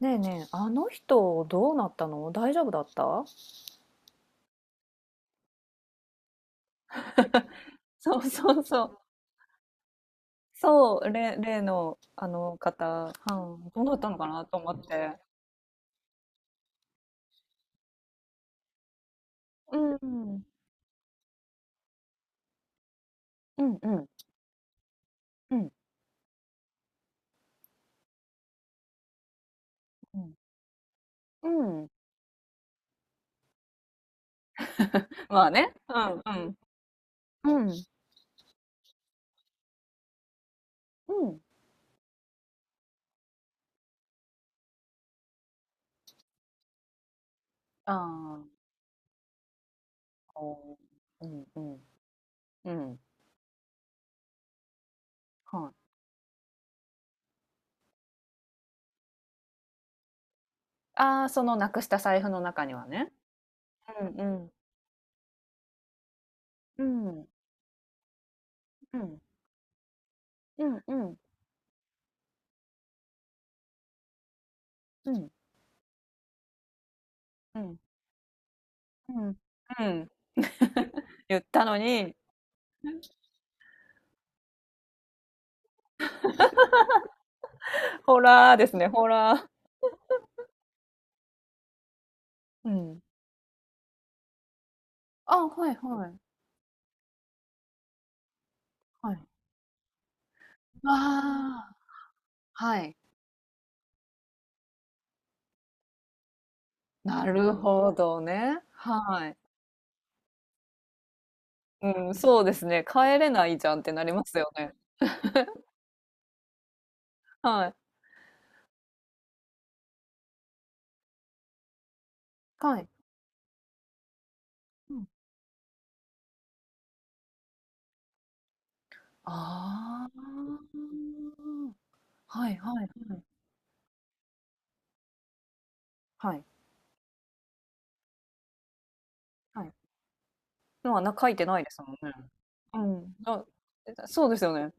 ねえねえ、あの人どうなったの、大丈夫だった？ そうそうそう。そう、例のあの方、はい、どうなったのかなと思って。うん、うん。うん。うん。うん。うん。うん。まあね。うん、うん。うん。うん。ああ、こう、うん、うん、うん。はい。ああ、そのなくした財布の中にはね。うん、うん。うん、うん。うん、うん。うん。うん。うん。言ったのに。ホラーですね、ホラー。うん。あ、はいはい。はい。ああ、はい。なるほどね。はい。うん、そうですね。帰れないじゃんってなりますよね。はい。はい。うん。ああ。はいはいはい。はい。はい。のはな、書いてないですもんね。うん。あ、え、そうですよね。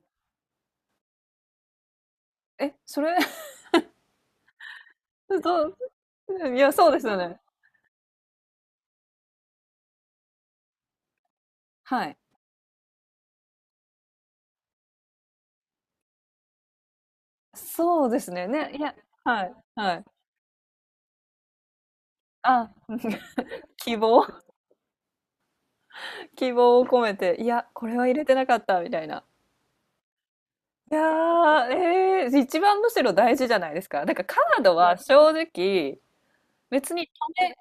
え、それ、どう、いや、そうですよね。はい。そうですね。ね、いや、はい、はい。あ、希望、希望を込めて、いや、これは入れてなかったみたいな。いやー、えー、一番むしろ大事じゃないですか。なんかカードは正直、別に止め、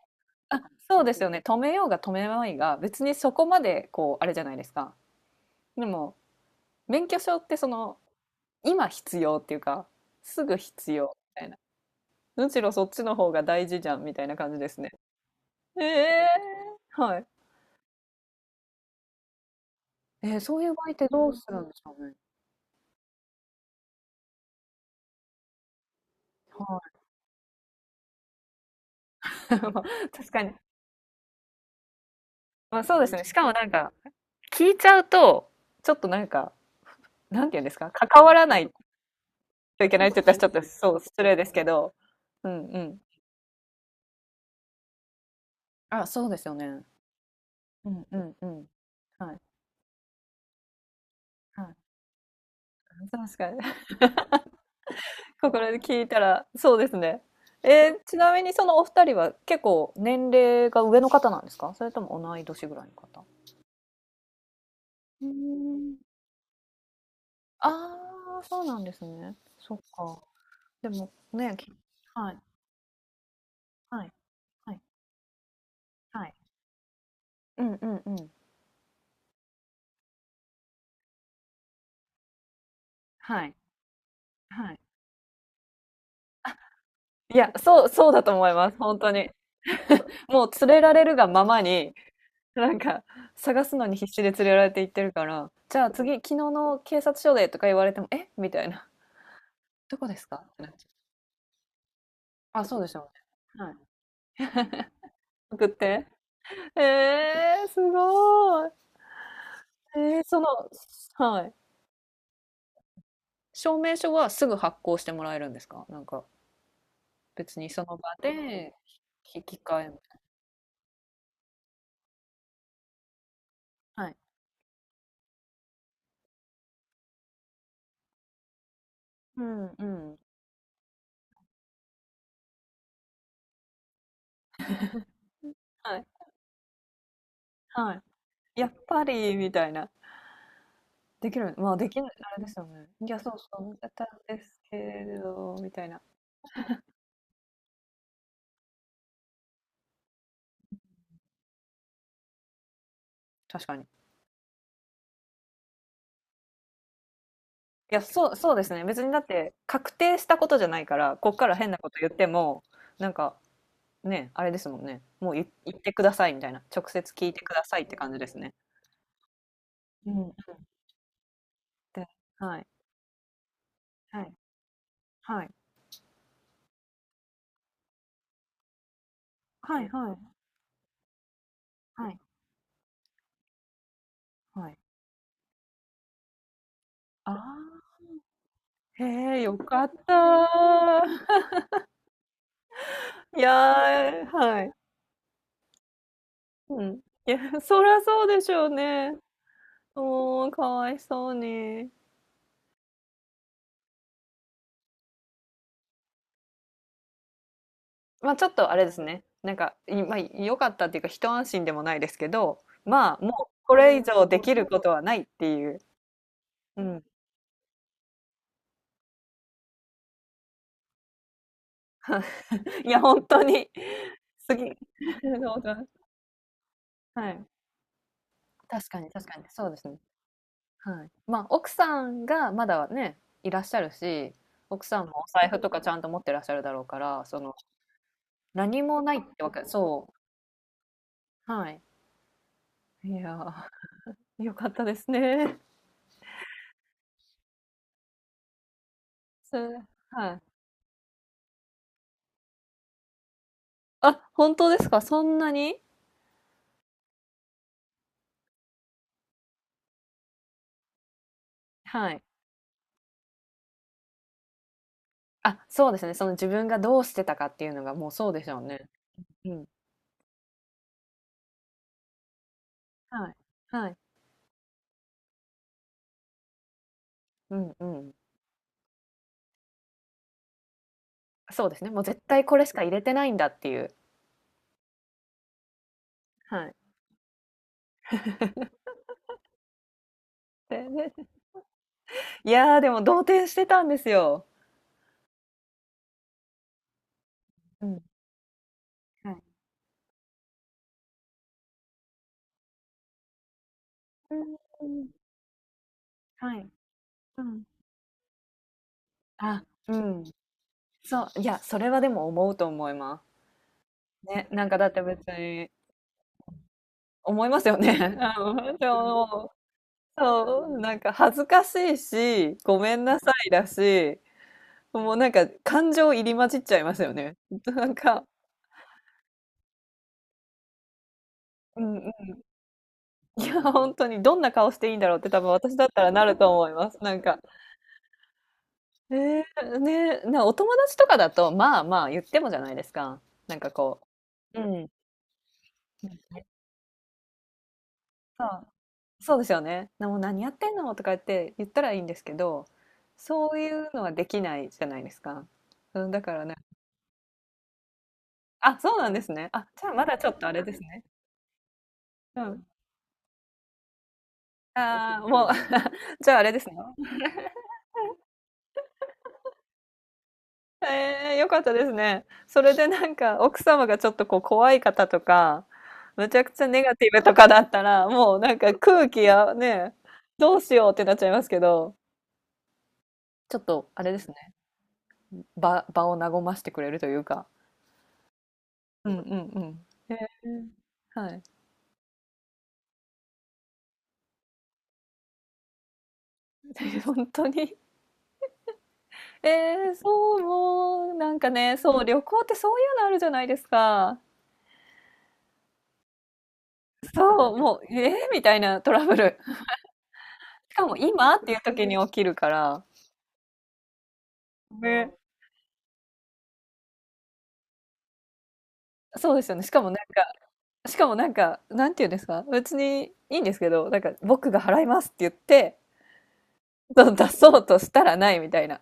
あ、そうですよね。止めようが止めまいが、別にそこまで、こう、あれじゃないですか。でも、免許証ってその、今必要っていうか、すぐ必要みたいな。むしろそっちの方が大事じゃんみたいな感じですね。えー、はい。えー、そういう場合ってどうするんでしょうね。はい。まあ確かに。まあそうですね。しかもなんか、聞いちゃうと、ちょっとなんか、なんて言うんですか、関わらないといけないって言ったらちょっと、そう、失礼ですけど、うん、うん。あ、そうですよね。うん、うん、うん。はい。はい。確かに。ここで聞いたら、そうですね。えー、ちなみにそのお二人は結構年齢が上の方なんですか、それとも同い年ぐらいの方？うーん。ああ、そうなんですね。そっか。でもね、き、はい、はい、はい、はい。うん、うん、うん。はい、はい。いや、そう、そうだと思います。本当に。もう連れられるがままに、なんか探すのに必死で連れられていってるから、じゃあ次、昨日の警察署でとか言われても、えみたいな。どこですかってなっちゃう。あ、そうでしょうね。はい。送って。えー、すごい。えー、その、はい。証明書はすぐ発行してもらえるんですか、なんか、別にその場で引き換えみたいな。はい。うん、うん。はい。はい。やっぱり、みたいな。できる、まあ、できるあれですよね。いや、そうそう、見たんですけれど、みたいな。確かに。いや、そうそうですね。別にだって、確定したことじゃないから、こっから変なこと言っても、なんか、ね、あれですもんね。もう言ってくださいみたいな。直接聞いてくださいって感じですね。うん、うん。で、はい。はい。はい。はい、はい。はい。はい。ああ、へえ、よかった。いやー、はい。うん。いや、そらそうでしょうね。おー、かわいそうに。まあちょっとあれですね。なんか、い、まあ良かったっていうか一安心でもないですけど、まあもうこれ以上できることはないっていう。うん。いや、本当に。すぎ。うだ、はい。確かに、確かに。そうですね。はい。まあ奥さんがまだね、いらっしゃるし、奥さんもお財布とかちゃんと持ってらっしゃるだろうから、その、何もないってわけ、そう。はい。いやー、よかったですね。す、はい。あ、本当ですか？そんなに？はい。あ、そうですね。その自分がどうしてたかっていうのがもう、そうでしょうね。うん。はい。はい。うん、うん。そうですね。もう絶対これしか入れてないんだっていう。はい。でで、いやー、でも動転してたんですよ。うん。あ、うん。そう、いや、それはでも思うと思います。ね、なんかだって別に思いますよね。あの、そう、そう、なんか恥ずかしいし、ごめんなさいだし、もうなんか感情入り混じっちゃいますよね。なんか、うん、うん。いや、本当にどんな顔していいんだろうって多分私だったらなると思います。なんか、えー、ね、なお友達とかだと、まあまあ言ってもじゃないですか。なんかこう、うん、そう、そうですよね。な、もう何やってんのとか言って言ったらいいんですけど、そういうのはできないじゃないですか。うん、だからね、あ、そうなんですね。あ、じゃあまだちょっとあれですね。うん。ああ、もう じゃああれですね。ええ、よかったですね。それでなんか奥様がちょっとこう怖い方とか、むちゃくちゃネガティブとかだったら、もうなんか空気やね、どうしようってなっちゃいますけど、ちょっとあれですね、場を和ましてくれるというか。うん、うん、うん。えー、はい。本当に。えー、そう、もう、なんかね、そう、旅行ってそういうのあるじゃないですか。そう、もう、えー、みたいなトラブル。しかも今っていう時に起きるから。ね。そうですよね。しかもなんか、なんて言うんですか、別にいいんですけど、なんか僕が払いますって言って、そう出そうとしたらないみたいな。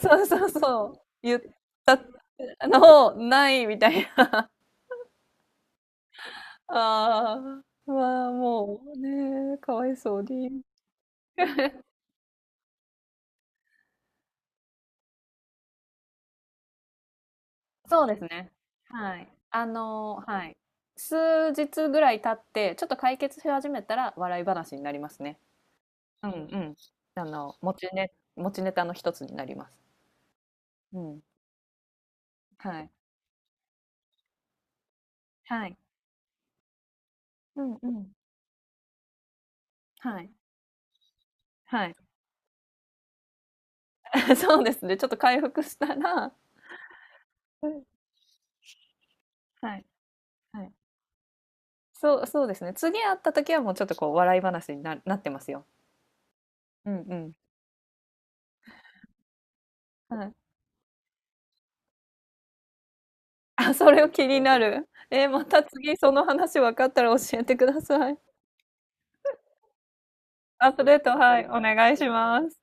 そうそうそう。言ったのをないみたいな。ああ、まあもうね、かわいそうに。そうですね。はい。あの、はい。数日ぐらい経って、ちょっと解決し始めたら笑い話になりますね。うん、うん。あの、持ちネタの一つになります。うん。はい。はい。うん、うん。はい。はい。そうですね、ちょっと回復したら、うん。はい、はい。そうそうですね、次会った時はもうちょっとこう笑い話にななってますよ。うん、うん。はい。あ、それを気になる。え、また次その話分かったら教えてください。アップデート、はい、お願いします。